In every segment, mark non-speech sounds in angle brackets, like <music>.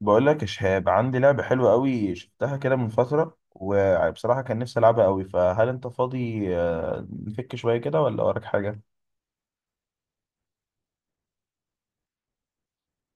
بقول لك يا شهاب، عندي لعبة حلوة قوي شفتها كده من فترة، وبصراحة كان نفسي ألعبها قوي. فهل أنت فاضي نفك شوية كده ولا وراك حاجة؟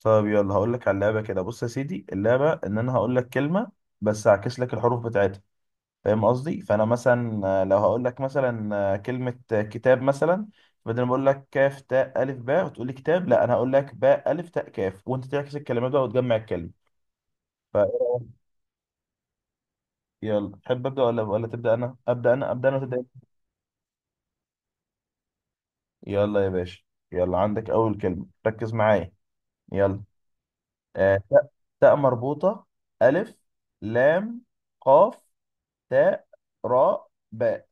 طب يلا هقول لك على اللعبة. كده بص يا سيدي، اللعبة إن أنا هقول لك كلمة بس هعكس لك الحروف بتاعتها. فاهم قصدي؟ فأنا مثلا لو هقول لك مثلا كلمة كتاب مثلا، بدل ما أقول لك كاف تاء ألف باء وتقول لي كتاب، لا، أنا هقول لك باء ألف تاء كاف وأنت تعكس الكلمات بقى وتجمع الكلمة. فيلا، تحب أبدأ ولا تبدأ أنا؟ أبدأ أنا، أبدأ أنا وتبدأ. يلا يا باشا، يلا عندك أول كلمة، ركز معايا. يلا. آه، تاء، تاء مربوطة، ألف، لام، قاف، تاء، راء، باء.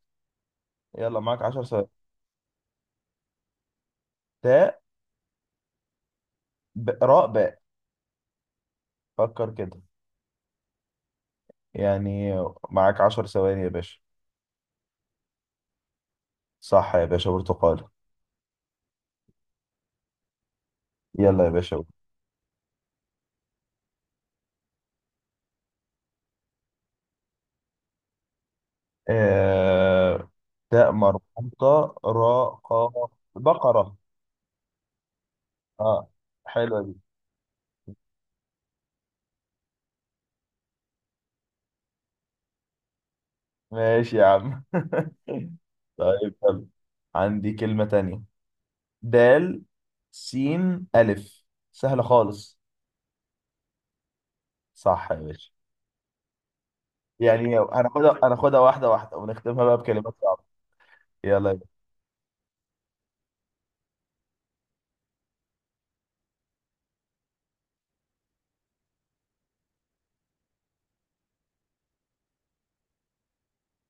يلا معاك عشر ثواني. تاء، راء، باء. فكر كده، يعني معاك عشر ثواني يا باشا. صح يا باشا، برتقالة. يلا يا باشا. آه، تاء مربوطة، راء، قاف. بقرة. اه، حلوة دي. ماشي يا عم. <laughs> طيب يلا، عندي كلمة تانية. دال، سين، ألف. سهلة خالص. صح يا باشا. يعني هناخدها واحدة واحدة، ونختمها بقى بكلمات صعبة. يلا يا باشا.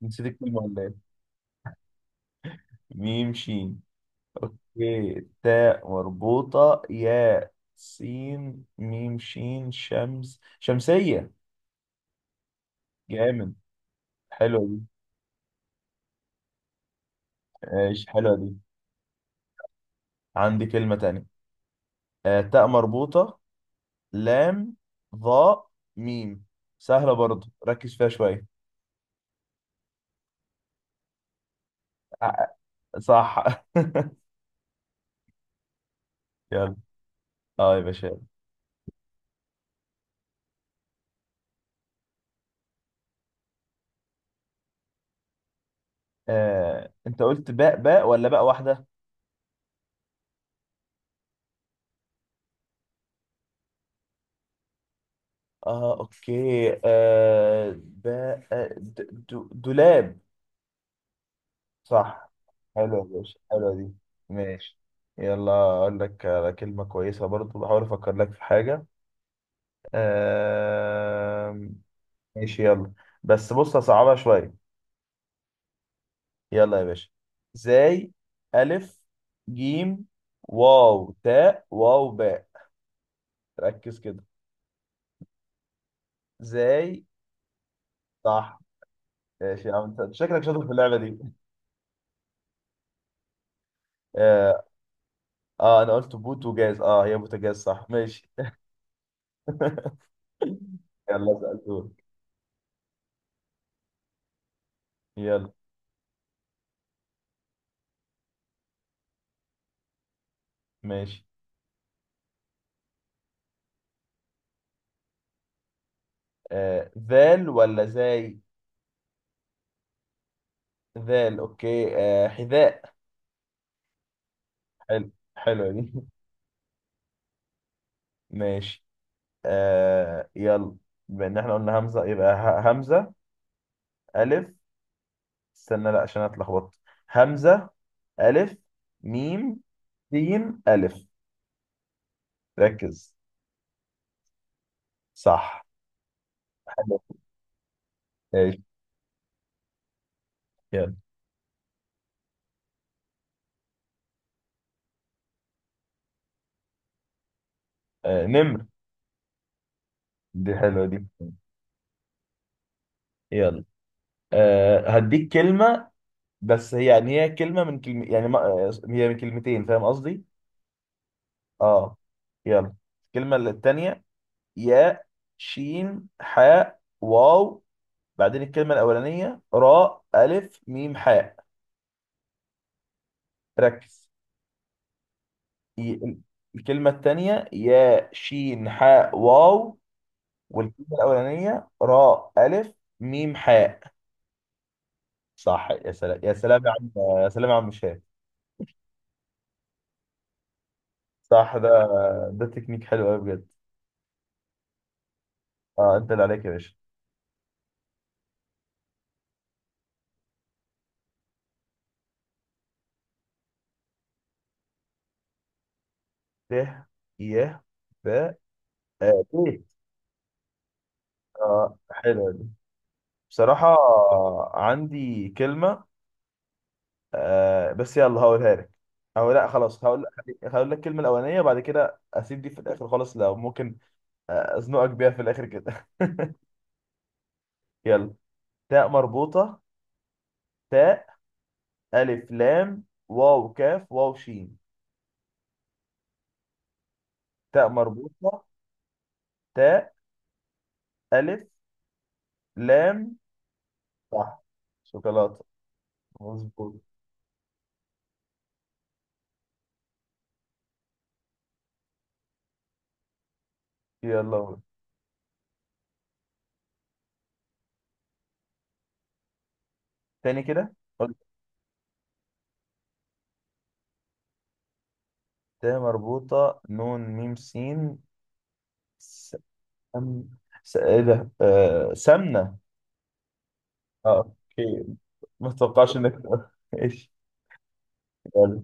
نسيت الكلمة ولا ايه؟ ميم، شين. ي، تاء مربوطة، يا، سين، ميم، شين. شمس، شمسية. جامد، حلوة دي. ماشي، حلوة دي. عندي كلمة تانية. تاء مربوطة، لام، ظاء، ميم. سهلة برضو، ركز فيها شوية. ع- صح. <laughs> يلا. اه يا باشا. انت قلت باء باء ولا باء واحدة؟ اه، اوكي. باء، دولاب. صح، حلو يا باشا، حلوة دي. ماشي. يلا اقول لك على كلمة كويسة برضو، بحاول افكر لك في حاجة. آه، ماشي يلا، بس بص هصعبها شوية. يلا يا باشا. ازاي، ألف، جيم، واو، تاء، واو، باء. ركز كده. ازاي. صح. ماشي يا عم، انت شكلك شاطر في اللعبة دي. اه. آه، انا قلت بوت وجاز، اه هي بوتاجاز، صح ماشي. <laughs> يلا سألتوك. يلا. ماشي. آه، ذال ولا زاي؟ ذال، اوكي. آه، حذاء. حلو، حلوة دي. <laughs> ماشي. آه يلا، بما ان احنا قلنا همزة يبقى همزة، ألف، استنى لا، عشان أنا اتلخبطت. همزة، ألف، ميم، سين، ألف. ركز. صح. حلو. ايش. يلا. آه، نمر. دي حلوة دي. يلا. آه، هديك كلمة. بس هي يعني هي كلمة من كلمة، يعني ما هي من كلمتين، فاهم قصدي؟ اه. يلا. الكلمة التانية ياء، شين، حاء، واو. بعدين الكلمة الأولانية راء، ألف، ميم، حاء. ركز. ي- الكلمة التانية يا، شين، حاء، واو. والكلمة الأولانية راء، ألف، ميم، حاء. صح، يا سلام، يا سلام يا عم. يا سلام يا عم شاه. صح ده، ده تكنيك حلو قوي بجد. اه، انت اللي عليك يا باشا. ت، ي، ب. آه، بيت. اه، حلوة دي. بصراحة عندي كلمة. آه بس يلا هقولها لك. او لا، خلاص هقول. هقول لك الكلمة الأولانية، بعد كده أسيب دي في الآخر خالص لو ممكن. أزنقك بيها في الآخر كده. <laughs> يلا. تاء مربوطة، تاء، ألف، لام، واو، كاف، واو، شين. تاء مربوطة، تاء، ألف، لام. صح، شوكولاتة. مظبوط. يلا قول. تاني كده. قول. تاء مربوطة، نون، ميم، سين. سم. ايه ده، سمنة. اه، اوكي. ما اتوقعش انك تقول. <laughs> ايش. يلا.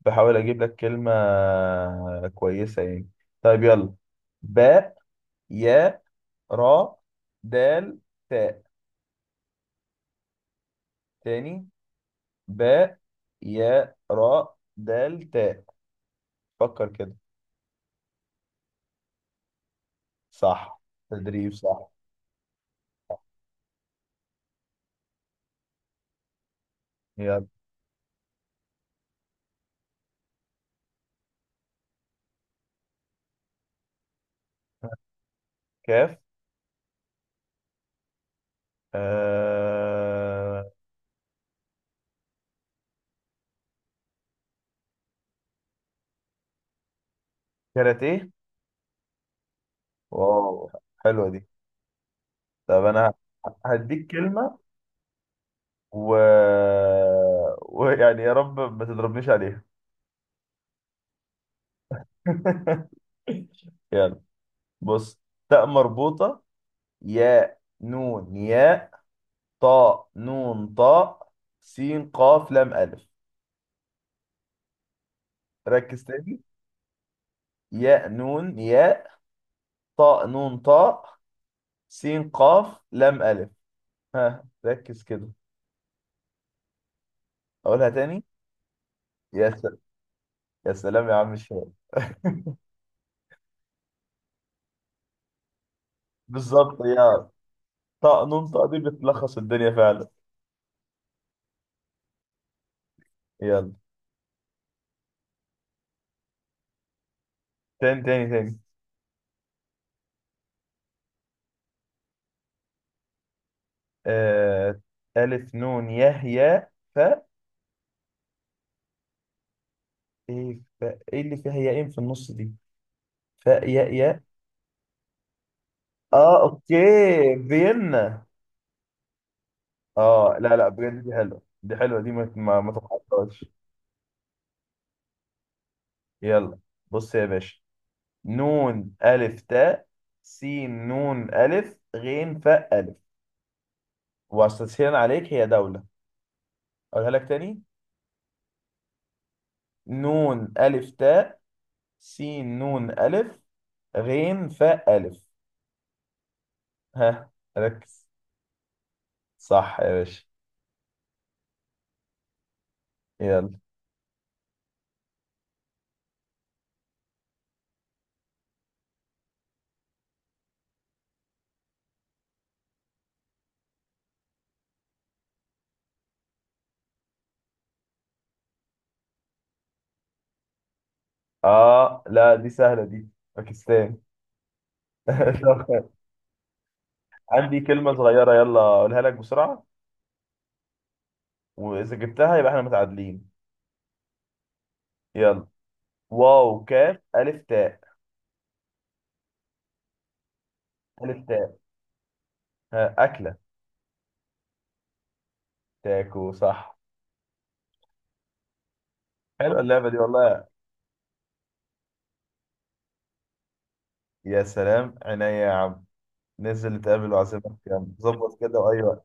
بحاول اجيب لك كلمة كويسة يعني. طيب يلا. باء، يا، را، دال، تاء. تاني، باء، يا، را، دال، تاء. فكر كده. صح، تدريب، صح. يلا. كاف. آه... كاراتيه. واو، حلوة دي. طب انا هديك كلمة. و... <laughs> ويعني يا رب ما تضربنيش عليها. <laughs> يلا، بص. تاء مربوطة، يا، نون، يا، طاء، نون، طاء، سين، قاف، لام، ألف. ركز تاني. ياء، نون، ياء، طاء، نون، طاء، سين، قاف، لام، ألف. ها، ركز كده، أقولها تاني. يا سلام، يا سلام يا عم الشباب. بالظبط يا، طاء، نون، طاء دي بتلخص الدنيا فعلا. يلا. تاني، تاني، تاني. آه... ألف، نون، ياء، ياء، فاء. إيه فاء، إيه اللي فيها ياءين في النص دي؟ فاء، ياء، ياء. آه، أوكي. فيينا. آه لا لا، بجد دي حلوة، دي حلوة دي، ما تتحطهاش. يلا، بص يا باشا. نون، ألف، تاء، سين، نون، ألف، غين، فاء، ألف. وتسهيلا عليك، هي دولة. أقولها لك تاني. نون، ألف، تاء، سين، نون، ألف، غين، فاء، ألف. ها، ركز. صح يا باشا. يلا. آه لا، دي سهلة دي، باكستان. <laughs> طب عندي كلمة صغيرة، يلا أقولها لك بسرعة، وإذا جبتها يبقى إحنا متعادلين. يلا. واو، كاف، ألف، تاء. ألف، تاء. ها، أكلة. تاكو، صح. حلوه اللعبه دي والله. يا سلام عينيا يا عم، ننزل نتقابل وأعزمك يا عم، ظبط كده، واي وقت.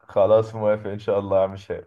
خلاص، موافق ان شاء الله يا عم شيخ.